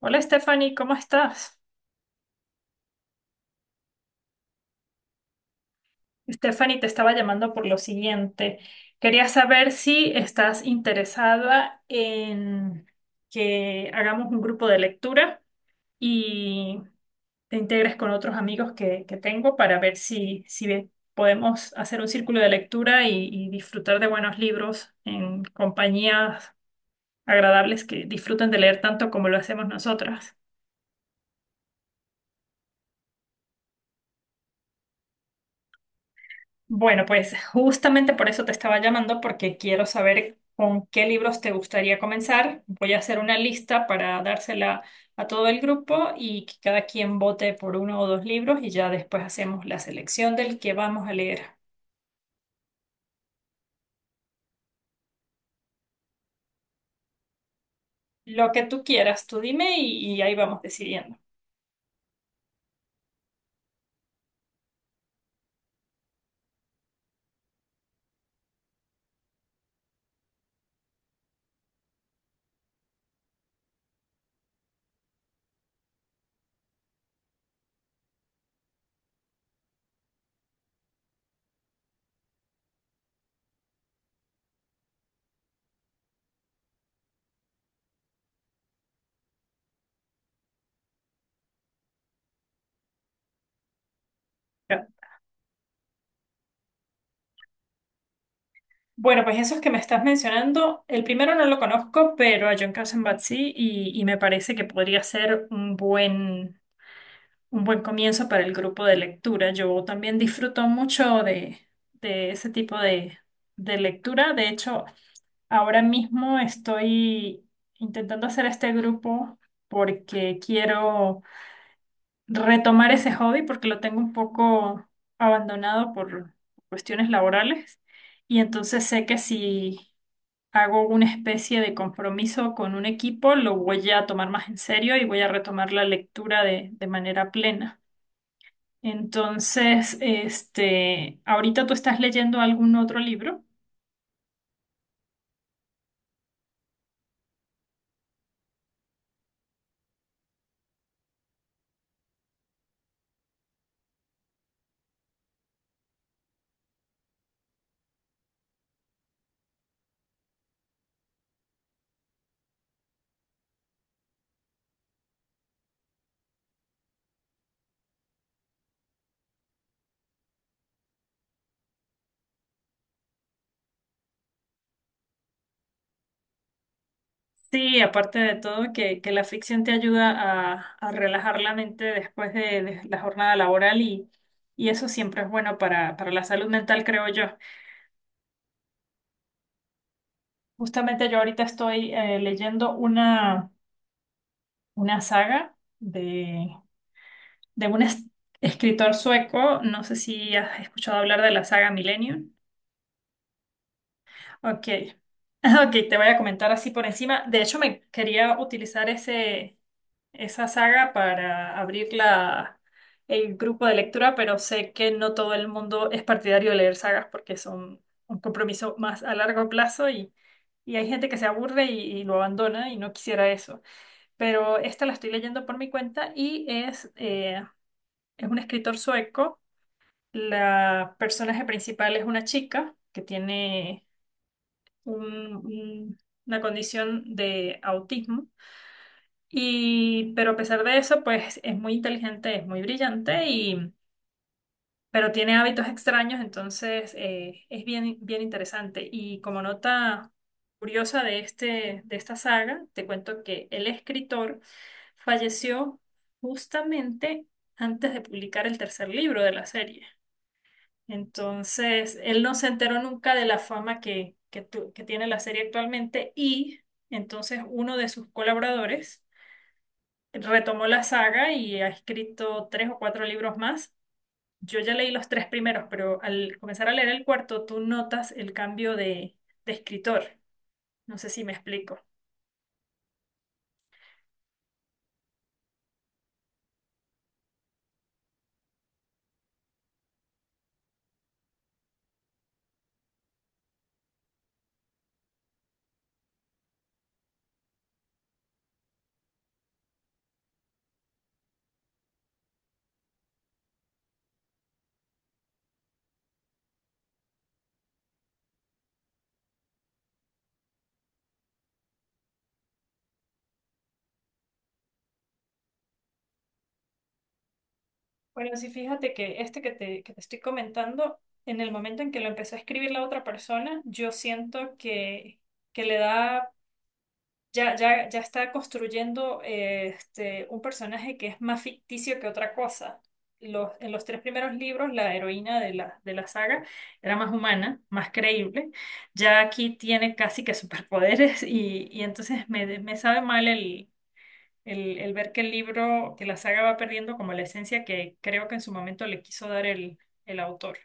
Hola Stephanie, ¿cómo estás? Stephanie, te estaba llamando por lo siguiente. Quería saber si estás interesada en que hagamos un grupo de lectura y te integres con otros amigos que tengo para ver si podemos hacer un círculo de lectura y disfrutar de buenos libros en compañías agradables que disfruten de leer tanto como lo hacemos nosotras. Bueno, pues justamente por eso te estaba llamando, porque quiero saber con qué libros te gustaría comenzar. Voy a hacer una lista para dársela a todo el grupo y que cada quien vote por uno o dos libros y ya después hacemos la selección del que vamos a leer. Lo que tú quieras, tú dime y ahí vamos decidiendo. Ya. Bueno, pues esos que me estás mencionando, el primero no lo conozco, pero a John Katzenbach sí y me parece que podría ser un buen comienzo para el grupo de lectura. Yo también disfruto mucho de ese tipo de lectura. De hecho, ahora mismo estoy intentando hacer este grupo porque quiero retomar ese hobby porque lo tengo un poco abandonado por cuestiones laborales. Y entonces sé que si hago una especie de compromiso con un equipo, lo voy a tomar más en serio y voy a retomar la lectura de manera plena. Entonces, este, ahorita tú estás leyendo algún otro libro. Sí, aparte de todo, que la ficción te ayuda a relajar la mente después de la jornada laboral y eso siempre es bueno para la salud mental, creo yo. Justamente yo ahorita estoy leyendo una saga de un escritor sueco, no sé si has escuchado hablar de la saga Millennium. Ok, ok, te voy a comentar así por encima. De hecho, me quería utilizar esa saga para abrir el grupo de lectura, pero sé que no todo el mundo es partidario de leer sagas porque son un compromiso más a largo plazo y hay gente que se aburre y lo abandona y no quisiera eso. Pero esta la estoy leyendo por mi cuenta y es un escritor sueco. La personaje principal es una chica que tiene un- un- una condición de autismo. Y, pero a pesar de eso, pues es muy inteligente, es muy brillante y, pero tiene hábitos extraños, entonces es bien, bien interesante. Y como nota curiosa de de esta saga, te cuento que el escritor falleció justamente antes de publicar el tercer libro de la serie. Entonces, él no se enteró nunca de la fama que tiene la serie actualmente y entonces uno de sus colaboradores retomó la saga y ha escrito tres o cuatro libros más. Yo ya leí los tres primeros, pero al comenzar a leer el cuarto, tú notas el cambio de escritor. No sé si me explico. Bueno, sí, fíjate que este que te estoy comentando, en el momento en que lo empezó a escribir la otra persona, yo siento que le da ya está construyendo un personaje que es más ficticio que otra cosa. En los tres primeros libros, la heroína de de la saga era más humana, más creíble. Ya aquí tiene casi que superpoderes y entonces me sabe mal el ver que el libro, que la saga va perdiendo como la esencia que creo que en su momento le quiso dar el autor.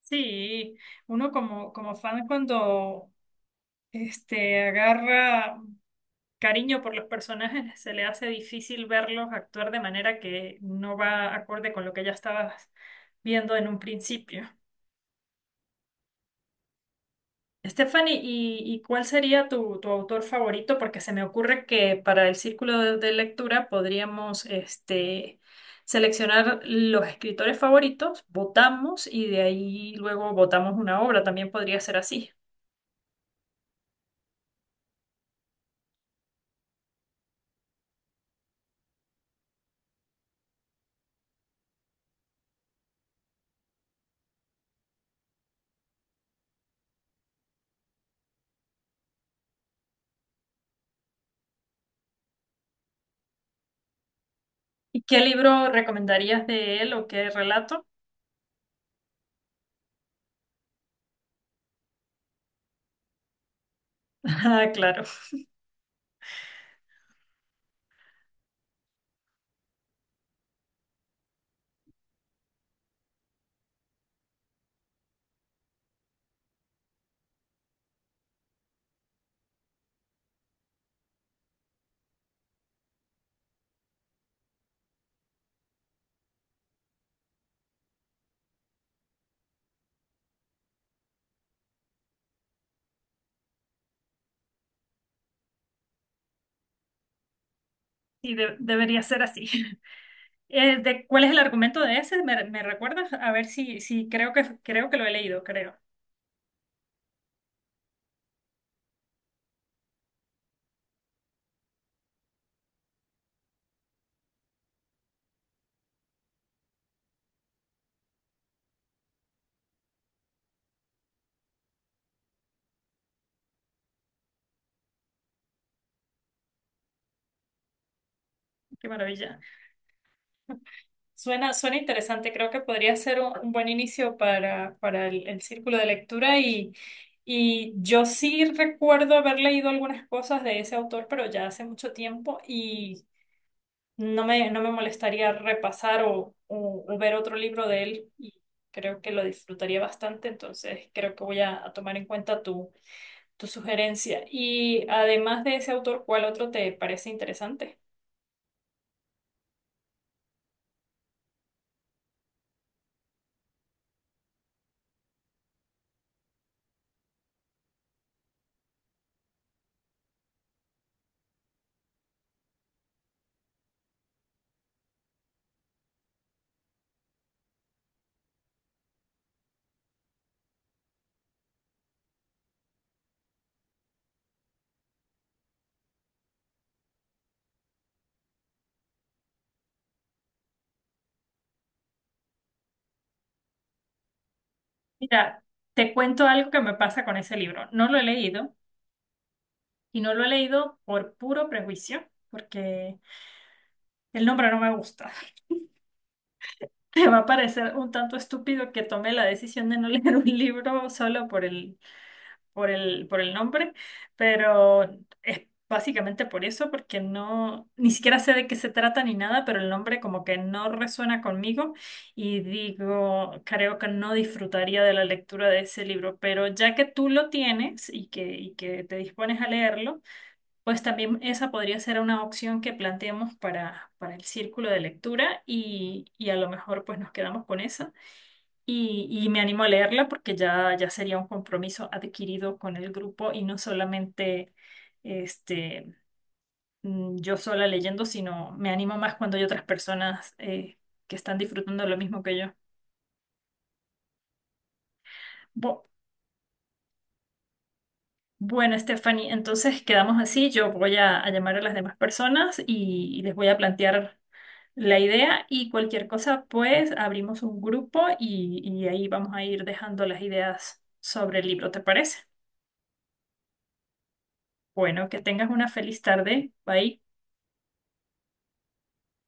Sí, uno como fan cuando este, agarra cariño por los personajes, se le hace difícil verlos actuar de manera que no va acorde con lo que ya estabas viendo en un principio. Stephanie, ¿y cuál sería tu autor favorito? Porque se me ocurre que para el círculo de lectura podríamos este, seleccionar los escritores favoritos, votamos y de ahí luego votamos una obra, también podría ser así. ¿Y qué libro recomendarías de él o qué relato? Ah, claro, sí, debería ser así. ¿Cuál es el argumento de ese? ¿ Me recuerdas? A ver si, si creo creo que lo he leído, creo. Qué maravilla. Suena, suena interesante, creo que podría ser un buen inicio para el círculo de lectura y yo sí recuerdo haber leído algunas cosas de ese autor, pero ya hace mucho tiempo y no no me molestaría repasar o ver otro libro de él y creo que lo disfrutaría bastante, entonces creo que voy a tomar en cuenta tu tu sugerencia. Y además de ese autor, ¿cuál otro te parece interesante? Mira, te cuento algo que me pasa con ese libro. No lo he leído y no lo he leído por puro prejuicio, porque el nombre no me gusta. Me va a parecer un tanto estúpido que tome la decisión de no leer un libro solo por el por el nombre, pero es básicamente por eso, porque no, ni siquiera sé de qué se trata ni nada, pero el nombre como que no resuena conmigo y digo, creo que no disfrutaría de la lectura de ese libro, pero ya que tú lo tienes y que te dispones a leerlo, pues también esa podría ser una opción que planteemos para el círculo de lectura y a lo mejor pues nos quedamos con esa. Y me animo a leerla porque ya sería un compromiso adquirido con el grupo y no solamente este, yo sola leyendo, sino me animo más cuando hay otras personas que están disfrutando lo mismo que yo. Bu- bueno, Stephanie, entonces quedamos así. Yo voy a llamar a las demás personas y les voy a plantear la idea y cualquier cosa, pues abrimos un grupo y ahí vamos a ir dejando las ideas sobre el libro, ¿te parece? Bueno, que tengas una feliz tarde. Bye.